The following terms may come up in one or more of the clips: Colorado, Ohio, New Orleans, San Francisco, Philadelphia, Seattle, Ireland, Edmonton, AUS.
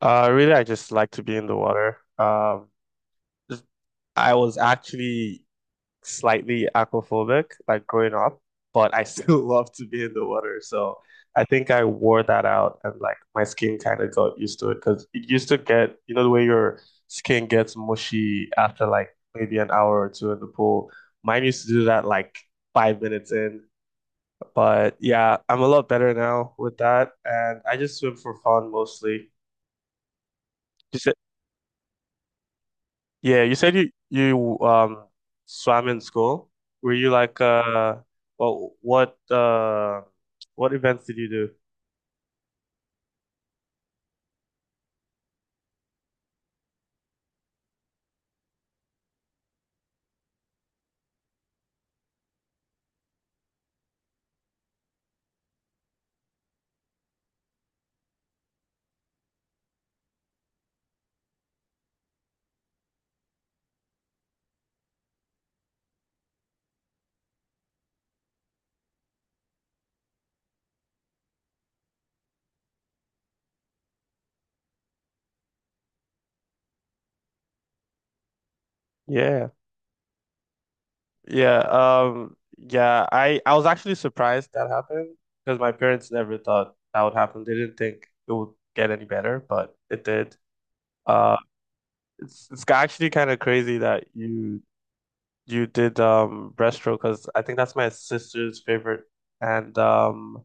Really, I just like to be in the water. Just- I was actually slightly aquaphobic, like growing up, but I still love to be in the water. So I think I wore that out, and like my skin kind of got used to it because it used to get the way your skin gets mushy after like maybe an hour or two in the pool. Mine used to do that like 5 minutes in, but yeah, I'm a lot better now with that, and I just swim for fun mostly. Yeah, you said you swam in school. Were you like well what uh what events did you do? Yeah. Yeah, yeah, I was actually surprised that happened because my parents never thought that would happen. They didn't think it would get any better, but it did. Uh it's actually kind of crazy that you did breaststroke because I think that's my sister's favorite, and um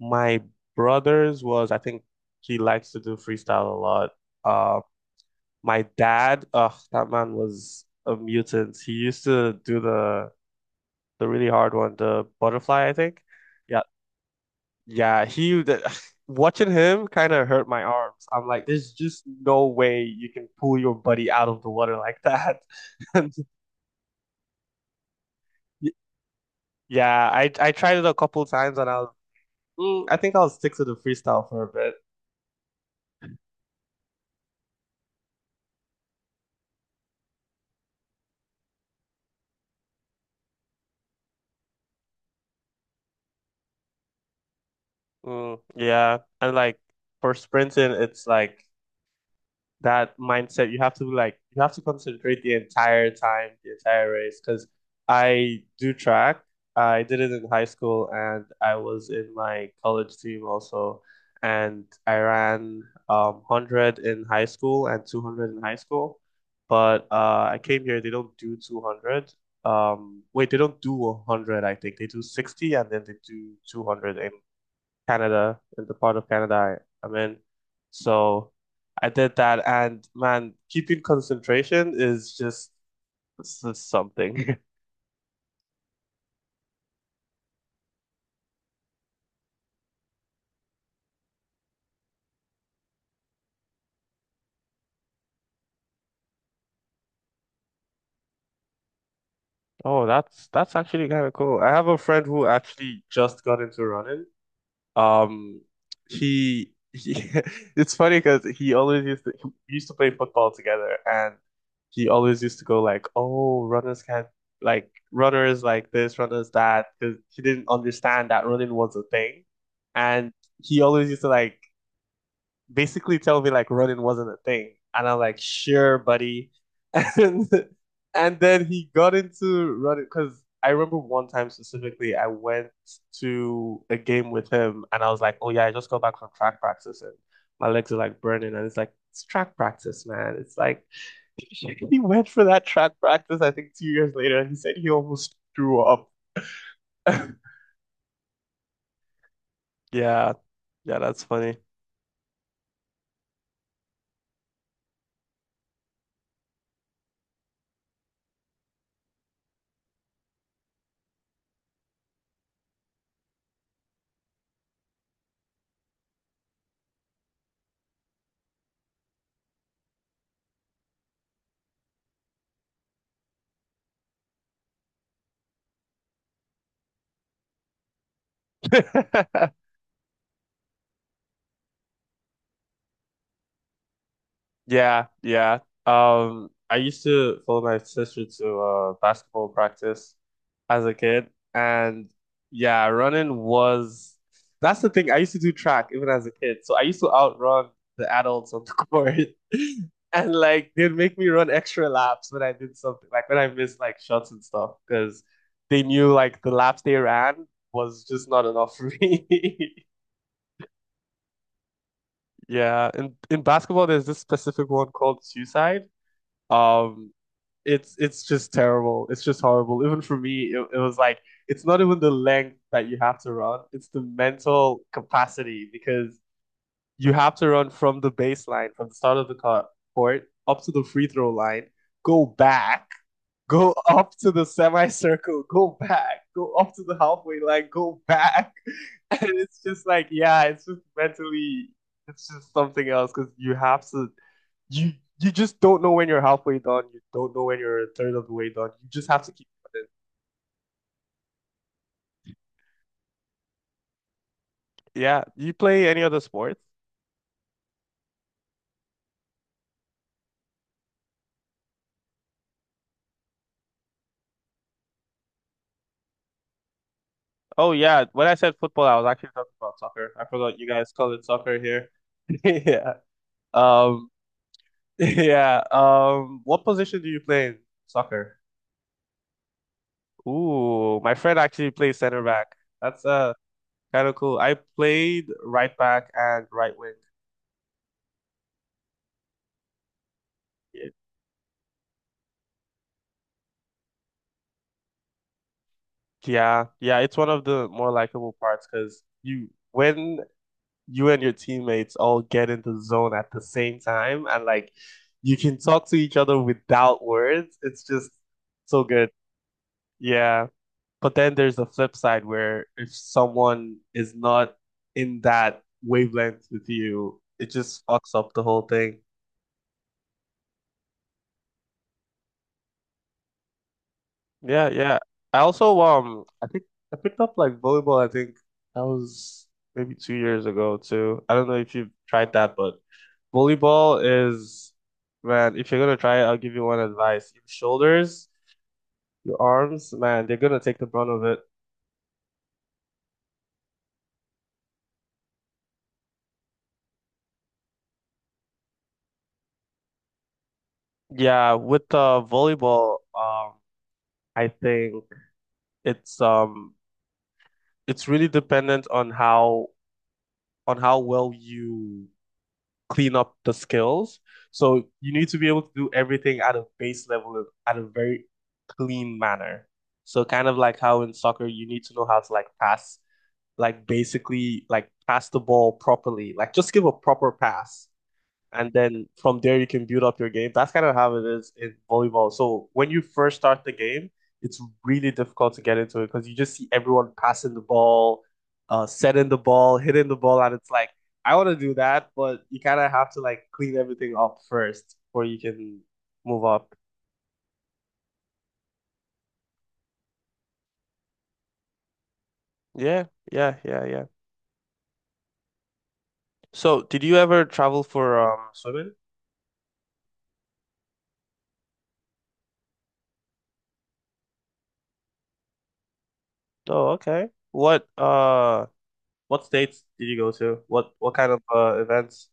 my brother's was, I think, he likes to do freestyle a lot. Uh, my dad, oh that man was a mutant. He used to do the really hard one, the butterfly, I think. Yeah, yeah. Watching him kind of hurt my arms. I'm like, there's just no way you can pull your buddy out of the water like that. And yeah, I tried it a couple times and I was, mm, I think I'll stick to the freestyle for a bit. Mm, yeah, and like for sprinting, it's like that mindset. You have to like you have to concentrate the entire time, the entire race. Because I do track. I did it in high school, and I was in my college team also. And I ran 100 in high school and 200 in high school. But I came here. They don't do 200. Wait, they don't do 100. I think they do 60, and then they do 200 in Canada, in the part of Canada I'm in. So I did that, and man, keeping concentration is just, it's just something. Oh, that's actually kind of cool. I have a friend who actually just got into running. Um, he it's funny because he always used to, he used to play football together, and he always used to go like, "Oh, runners can't, like runners like this, runners that," because he didn't understand that running was a thing, and he always used to like basically tell me like running wasn't a thing. And I'm like, sure, buddy. And and then he got into running because I remember one time specifically, I went to a game with him and I was like, oh yeah, I just got back from track practice and my legs are like burning. And it's like, it's track practice, man. It's like, he went for that track practice, I think 2 years later, and he said he almost threw up. Yeah. Yeah, that's funny. Yeah, yeah. I used to follow my sister to basketball practice as a kid, and yeah, running was, that's the thing. I used to do track even as a kid, so I used to outrun the adults on the court, and like they'd make me run extra laps when I did something, like when I missed like shots and stuff, because they knew like the laps they ran was just not enough for me. Yeah, in basketball, there's this specific one called suicide. Um, it's just terrible. It's just horrible. Even for me, it was like it's not even the length that you have to run; it's the mental capacity because you have to run from the baseline, from the start of the court up to the free throw line, go back, go up to the semicircle, go back, go up to the halfway line, go back. And it's just like, yeah, it's just mentally, it's just something else because you have to, you you just don't know when you're halfway done. You don't know when you're a third of the way done. You just have to keep running. Yeah. You play any other sports? Oh yeah. When I said football, I was actually talking about soccer. I forgot you guys call it soccer here. Yeah. Um, yeah. What position do you play in soccer? Ooh, my friend actually plays center back. That's kind of cool. I played right back and right wing. It- Yeah, yeah, it's one of the more likable parts because you when you and your teammates all get into the zone at the same time and like you can talk to each other without words, it's just so good. Yeah. But then there's the flip side where if someone is not in that wavelength with you, it just fucks up the whole thing. Yeah, yeah. I also I think I picked up like volleyball, I think that was maybe 2 years ago too. I don't know if you've tried that, but volleyball is, man, if you're gonna try it, I'll give you one advice. Your shoulders, your arms, man, they're gonna take the brunt of it. Yeah, with volleyball, I think it's it's really dependent on how well you clean up the skills. So you need to be able to do everything at a base level of, at a very clean manner. So kind of like how in soccer you need to know how to like pass, like basically like pass the ball properly, like just give a proper pass and then from there you can build up your game. That's kind of how it is in volleyball. So when you first start the game, it's really difficult to get into it because you just see everyone passing the ball, setting the ball, hitting the ball, and it's like I want to do that, but you kind of have to like clean everything up first before you can move up. Yeah, yeah, yeah, yeah. So did you ever travel for swimming? Oh, okay. What states did you go to? What kind of events?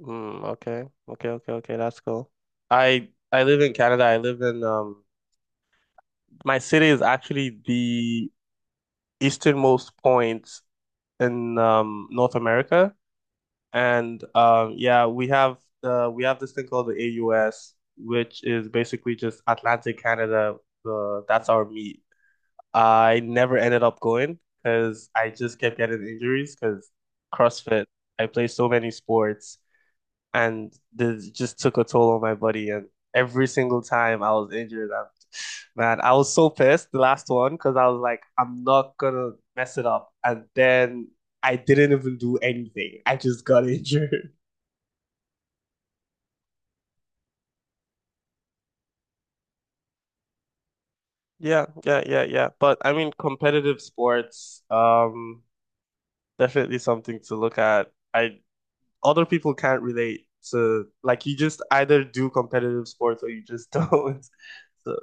Mm, okay. Okay, okay, okay. That's cool. I live in Canada. I live in my city is actually the easternmost point in North America. And yeah, we have this thing called the AUS, which is basically just Atlantic Canada. The That's our meet. I never ended up going because I just kept getting injuries because CrossFit. I play so many sports, and this just took a toll on my body. And every single time I was injured, man, I was so pissed the last one because I was like, I'm not gonna mess it up. And then I didn't even do anything. I just got injured. Yeah, yeah, yeah, yeah. But I mean, competitive sports, definitely something to look at. I Other people can't relate to, like, you just either do competitive sports or you just don't. So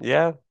yeah,